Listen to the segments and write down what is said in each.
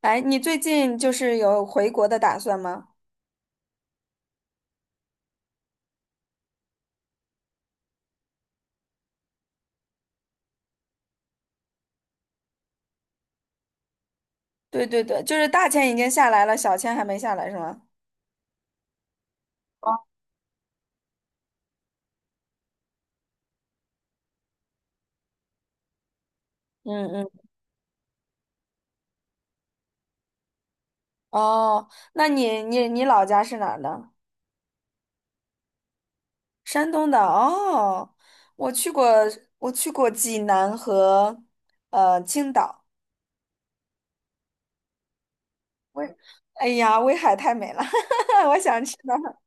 哎，你最近就是有回国的打算吗？对对对，就是大钱已经下来了，小钱还没下来是吗？嗯嗯。哦，那你老家是哪儿的？山东的。哦，我去过，我去过济南和青岛。威，哎呀，威海太美了，我想去那儿。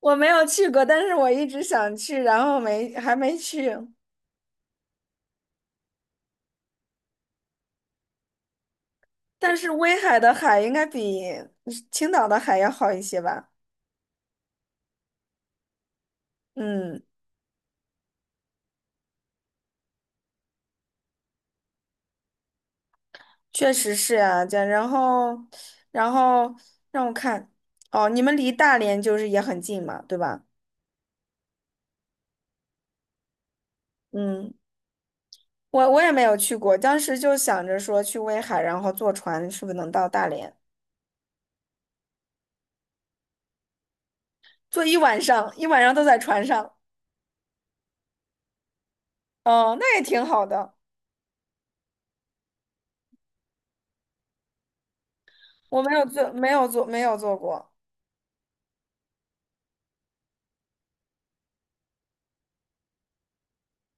我没有去过，但是我一直想去，然后没还没去。但是威海的海应该比青岛的海要好一些吧？嗯。确实是啊，这然后，然后让我看，哦，你们离大连就是也很近嘛，对吧？嗯，我也没有去过，当时就想着说去威海，然后坐船是不是能到大连？坐一晚上，一晚上都在船上，哦，那也挺好的。我没有坐过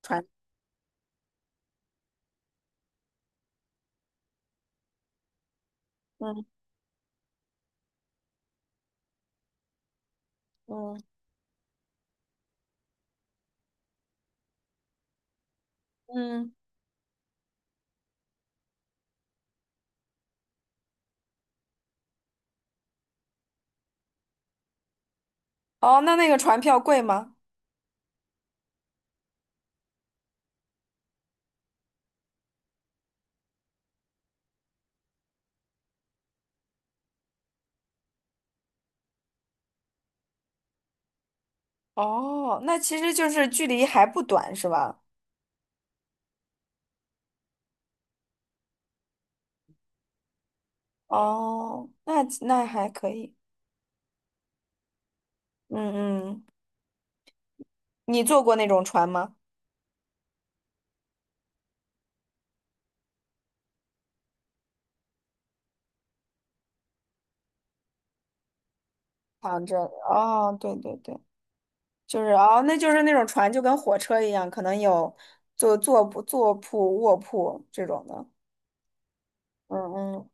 船。嗯嗯嗯，哦，那个船票贵吗？哦，那其实就是距离还不短是吧？哦，那还可以。嗯嗯你坐过那种船吗？躺着，哦，对对对，就是哦，那就是那种船就跟火车一样，可能有坐铺、卧铺这种的。嗯嗯，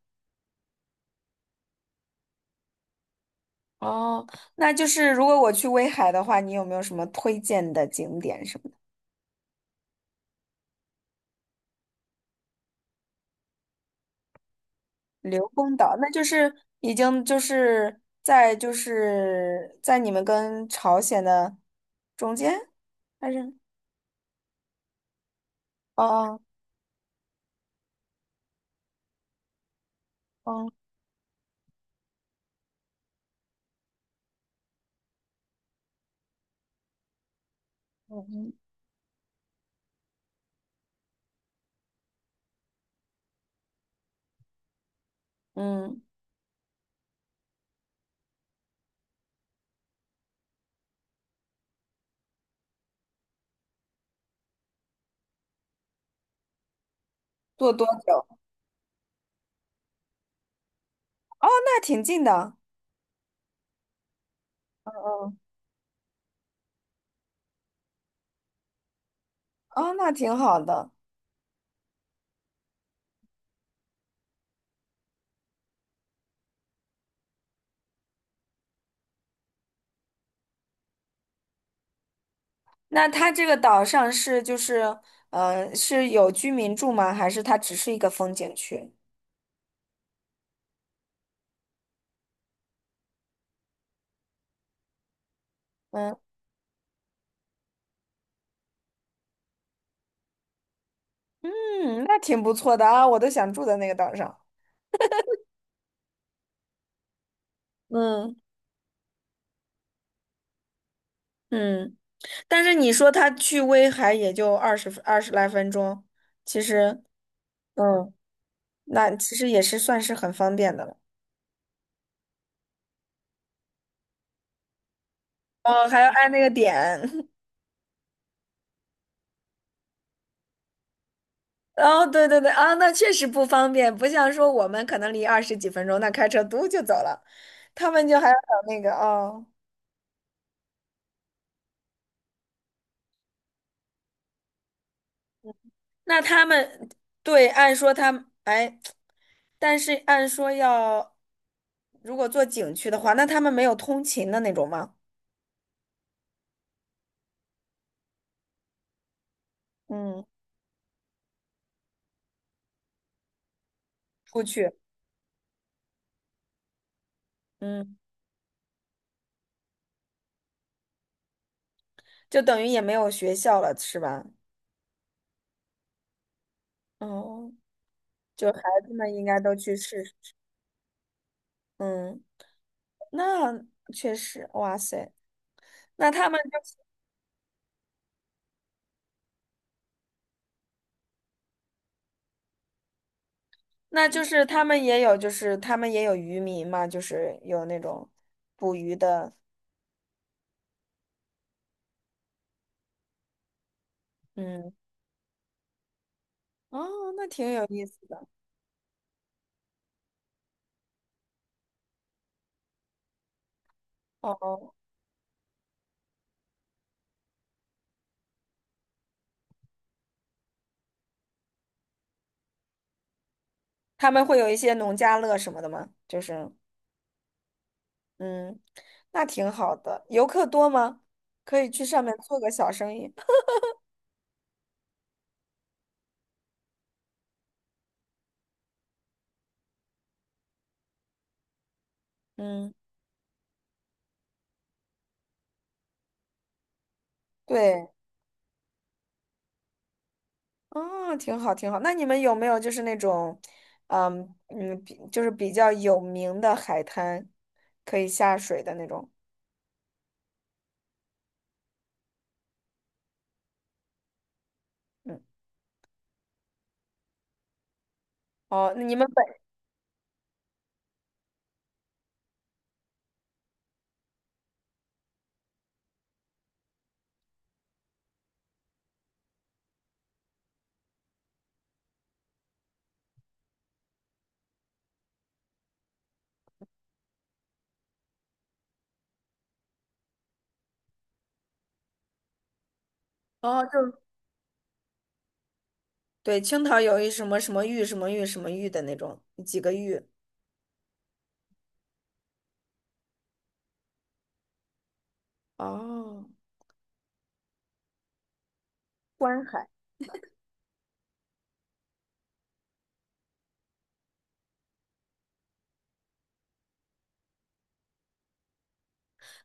哦，那就是如果我去威海的话，你有没有什么推荐的景点什么的？刘公岛，那就是已经就是在你们跟朝鲜的中间，还是？哦哦哦，嗯嗯嗯，坐多久？哦，那挺近的。嗯嗯。哦，那挺好的。那它这个岛上是就是，是有居民住吗？还是它只是一个风景区？嗯嗯，那挺不错的啊，我都想住在那个岛上。嗯嗯，但是你说它去威海也就二十来分钟，其实，嗯，那其实也是算是很方便的了。哦，还要按那个点。哦，对对对，啊，那确实不方便，不像说我们可能离20几分钟，那开车嘟就走了，他们就还要等那个哦。那他们对，按说他们，哎，但是按说要，如果做景区的话，那他们没有通勤的那种吗？嗯，出去，嗯，就等于也没有学校了，是吧？哦，就孩子们应该都去试试。嗯，那确实，哇塞，那他们就，那就是他们也有，就是他们也有渔民嘛，就是有那种捕鱼的，嗯，哦，那挺有意思的，哦。他们会有一些农家乐什么的吗？就是，嗯，那挺好的。游客多吗？可以去上面做个小生意。嗯，对，哦，挺好，挺好。那你们有没有就是那种，嗯嗯，就是比较有名的海滩，可以下水的那种？嗯，哦，那你们本，哦，就是对，青岛有一什么什么玉什么玉什么玉的那种，几个玉。哦，观海。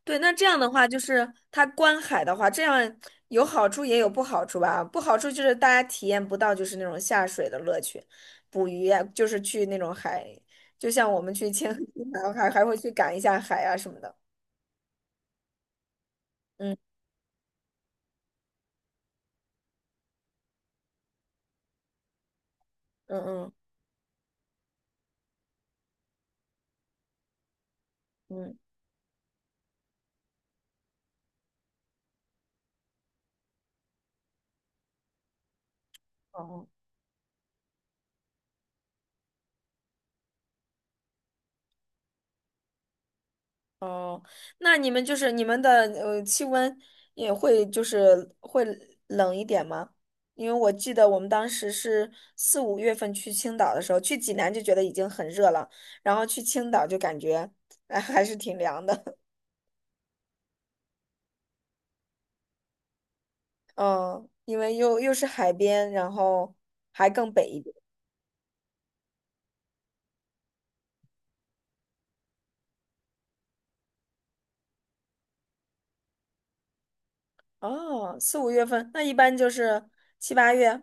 对，那这样的话，就是它观海的话，这样有好处也有不好处吧。不好处就是大家体验不到就是那种下水的乐趣，捕鱼啊，就是去那种海，就像我们去青和海还会去赶一下海啊什么的。嗯嗯嗯嗯，哦。哦，那你们的气温也会就是会冷一点吗？因为我记得我们当时是四五月份去青岛的时候，去济南就觉得已经很热了，然后去青岛就感觉哎还是挺凉的，嗯，因为又是海边，然后还更北一点。哦，四五月份那一般就是七八月，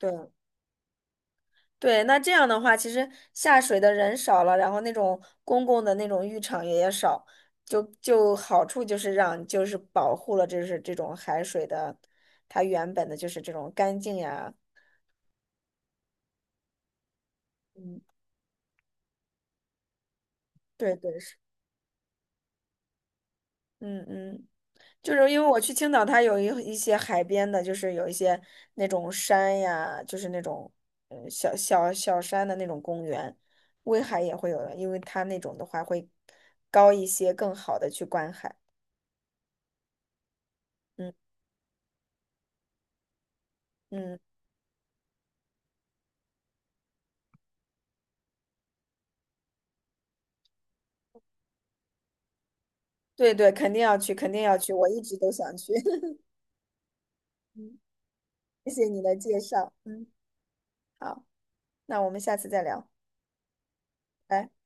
对。对，那这样的话，其实下水的人少了，然后那种公共的那种浴场也少，就好处就是让就是保护了就是这种海水的，它原本的就是这种干净呀，嗯，对对是，嗯嗯，就是因为我去青岛，它有一些海边的，就是有一些那种山呀，就是那种小山的那种公园，威海也会有的，因为它那种的话会高一些，更好的去观海，嗯嗯。对对，肯定要去，肯定要去，我一直都想去。嗯谢谢你的介绍，嗯，好，那我们下次再聊，拜。